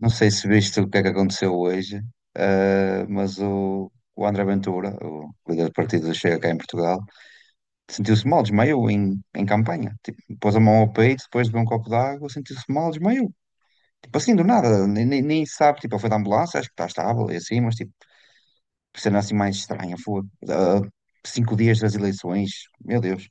Não sei se viste o que é que aconteceu hoje, mas o André Ventura, o líder do partido do Chega cá em Portugal, sentiu-se mal, desmaiou em campanha. Tipo, pôs a mão ao peito, depois de beber um copo de água, sentiu-se mal, desmaiou. Tipo assim, do nada, nem sabe, tipo, ele foi da ambulância, acho que está estável e assim, mas tipo, cena assim mais estranha, foi. Ah, 5 dias das eleições, meu Deus.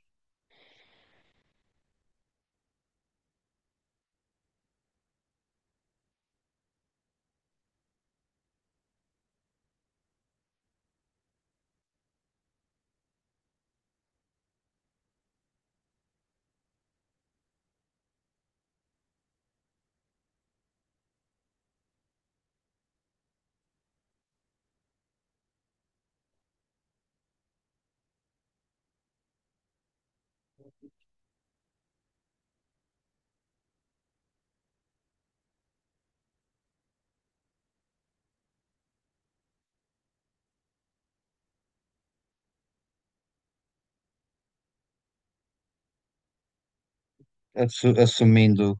Assumindo,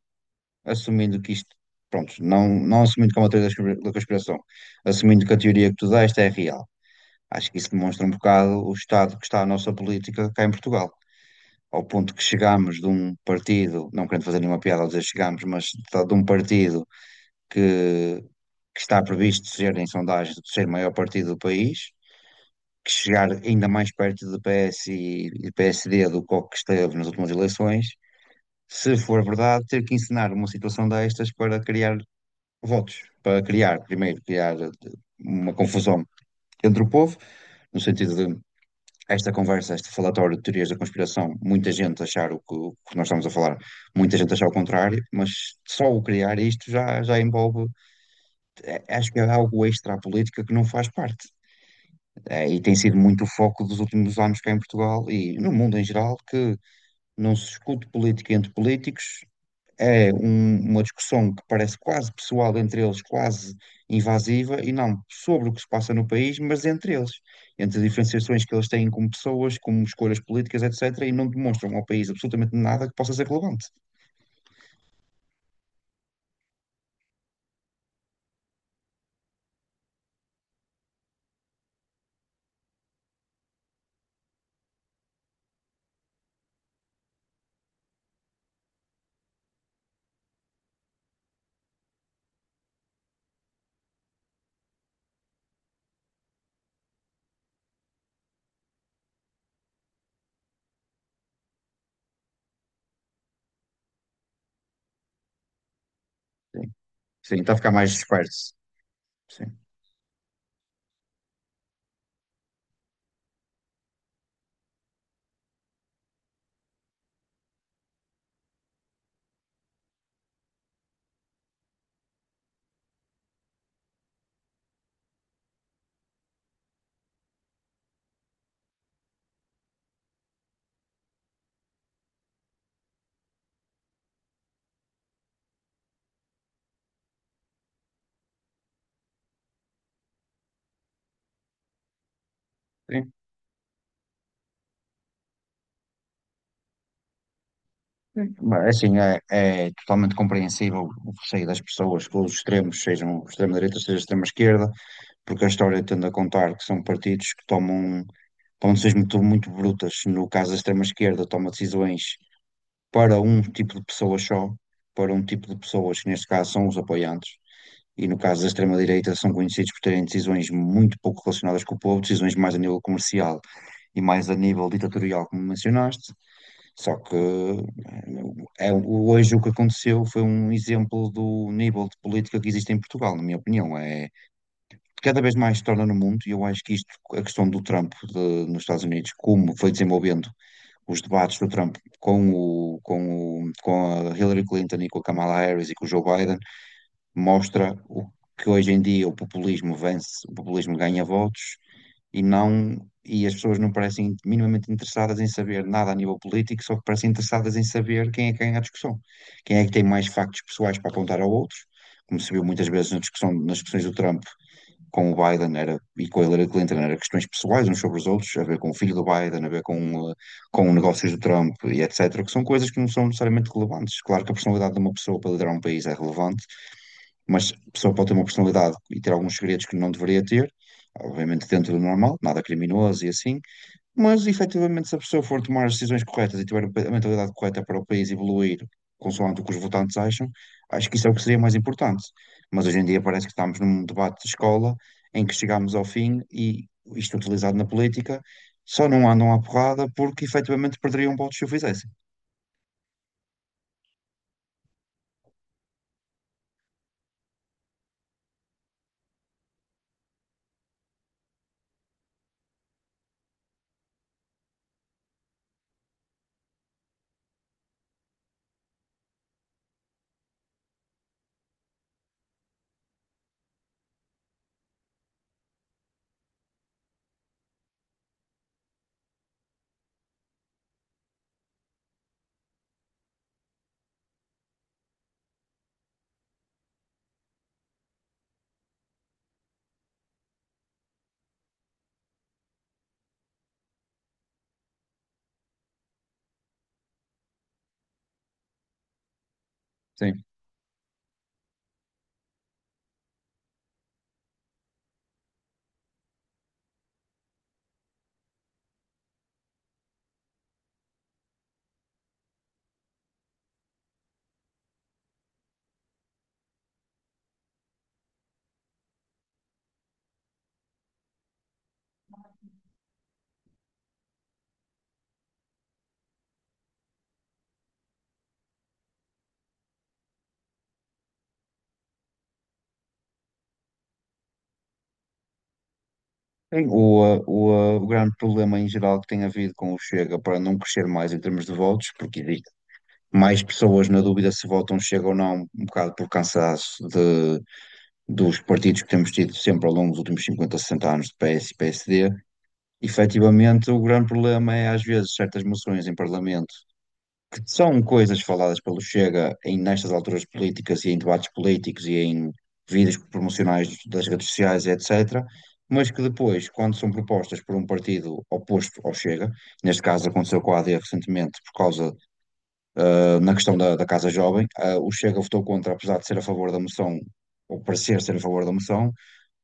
assumindo que isto, pronto, não assumindo como a teoria da da conspiração, assumindo que a teoria que tu deste é real. Acho que isso demonstra um bocado o estado que está a nossa política cá em Portugal. Ao ponto que chegámos de um partido, não querendo fazer nenhuma piada ao dizer chegámos, mas de um partido que, que está previsto ser, em sondagem, ser o maior partido do país, que chegar ainda mais perto do PS e PSD do que o que esteve nas últimas eleições, se for verdade, ter que ensinar uma situação destas para criar votos, para criar, primeiro, criar uma confusão entre o povo, no sentido de esta conversa, este falatório de teorias da conspiração, muita gente achar o que nós estamos a falar, muita gente achar o contrário, mas só o criar isto já envolve, é, acho que é algo extra à política que não faz parte. É, e tem sido muito o foco dos últimos anos cá em Portugal e no mundo em geral, que não se discute política entre políticos, é uma discussão que parece quase pessoal entre eles, quase invasiva, e não sobre o que se passa no país, mas entre eles, entre as diferenciações que eles têm como pessoas, como escolhas políticas, etc., e não demonstram ao país absolutamente nada que possa ser relevante. Sim, sim, está a ficar mais disperso. Sim, sim. Mas, é assim, é, é totalmente compreensível o receio das pessoas, que os extremos sejam extrema-direita, seja extrema-esquerda, porque a história tende a contar que são partidos tomam decisões muito, muito brutas. No caso, a extrema-esquerda toma decisões para um tipo de pessoas só, para um tipo de pessoas que, neste caso, são os apoiantes. E no caso da extrema-direita, são conhecidos por terem decisões muito pouco relacionadas com o povo, decisões mais a nível comercial e mais a nível ditatorial, como mencionaste. Só que é, hoje o que aconteceu foi um exemplo do nível de política que existe em Portugal, na minha opinião. É, cada vez mais se torna no mundo, e eu acho que isto, a questão do Trump nos Estados Unidos, como foi desenvolvendo os debates do Trump com com a Hillary Clinton e com a Kamala Harris e com o Joe Biden, mostra o que hoje em dia o populismo vence, o populismo ganha votos e não, e as pessoas não parecem minimamente interessadas em saber nada a nível político, só que parecem interessadas em saber quem é que ganha a discussão, quem é que tem mais factos pessoais para apontar ao outro. Como se viu muitas vezes na discussão, nas discussões do Trump, com o Biden era, e com a Hillary Clinton eram questões pessoais uns sobre os outros, a ver com o filho do Biden, a ver com, eh, com negócios do Trump e etc., que são coisas que não são necessariamente relevantes. Claro que a personalidade de uma pessoa para liderar um país é relevante, mas a pessoa pode ter uma personalidade e ter alguns segredos que não deveria ter, obviamente dentro do normal, nada criminoso e assim, mas, efetivamente, se a pessoa for tomar as decisões corretas e tiver a mentalidade correta para o país evoluir, consoante o que os votantes acham, acho que isso é o que seria mais importante. Mas hoje em dia parece que estamos num debate de escola em que chegamos ao fim e isto utilizado na política só não andam à porrada porque efetivamente perderiam votos se o fizessem. Sim. Sim, o grande problema em geral que tem havido com o Chega para não crescer mais em termos de votos, porque existe mais pessoas na dúvida se votam Chega ou não, um bocado por cansaço de dos partidos que temos tido sempre ao longo dos últimos 50, 60 anos de PS e PSD, efetivamente o grande problema é às vezes certas moções em Parlamento que são coisas faladas pelo Chega em nestas alturas políticas e em debates políticos e em vídeos promocionais das redes sociais, etc., mas que depois, quando são propostas por um partido oposto ao Chega, neste caso aconteceu com a AD recentemente por causa, na questão da Casa Jovem, o Chega votou contra, apesar de ser a favor da moção, ou parecer ser a favor da moção,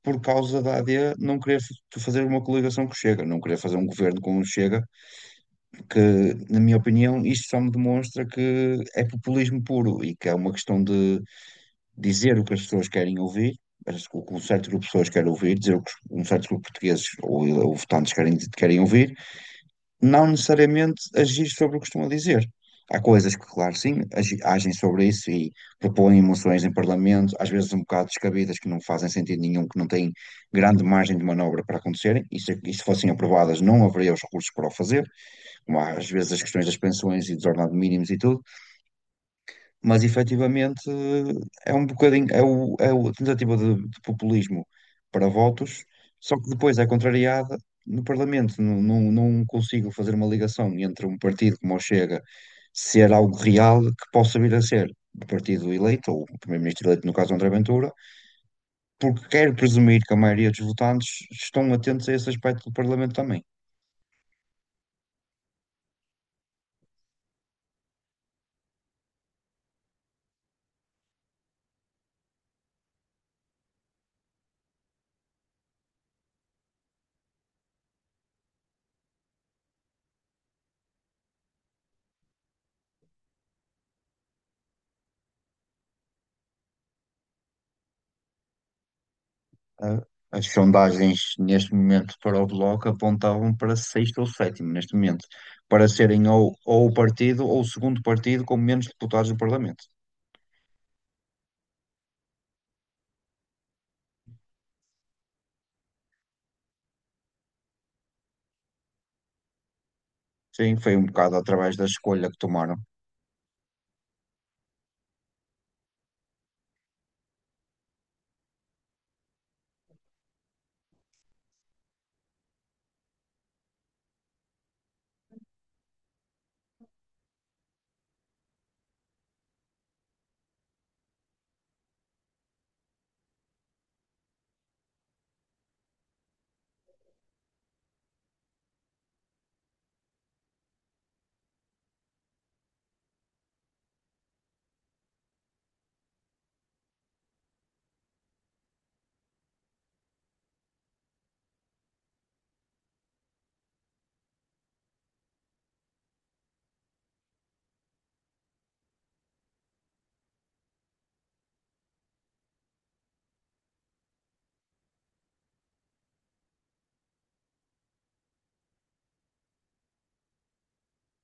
por causa da AD não querer fazer uma coligação com o Chega, não querer fazer um governo com o Chega, que, na minha opinião, isto só me demonstra que é populismo puro e que é uma questão de dizer o que as pessoas querem ouvir, o que um certo grupo de pessoas quer ouvir, dizer o que um certo grupo de portugueses ou votantes querem ouvir não necessariamente agir sobre o que costuma dizer. Há coisas que, claro, sim, agem sobre isso e propõem moções em Parlamento, às vezes um bocado descabidas, que não fazem sentido nenhum, que não têm grande margem de manobra para acontecerem, e se fossem aprovadas não haveria os recursos para o fazer, como há, às vezes as questões das pensões e dos ordenados mínimos e tudo, mas efetivamente é um bocadinho, é a tentativa de populismo para votos, só que depois é contrariada no Parlamento. Não consigo fazer uma ligação entre um partido como o Chega ser algo real que possa vir a ser o partido eleito, ou o primeiro-ministro eleito, no caso André Ventura, porque quero presumir que a maioria dos votantes estão atentos a esse aspecto do Parlamento também. Ah, As sondagens neste momento para o Bloco apontavam para sexto ou sétimo neste momento, para serem ou o partido ou o segundo partido com menos deputados do Parlamento. Sim, foi um bocado através da escolha que tomaram.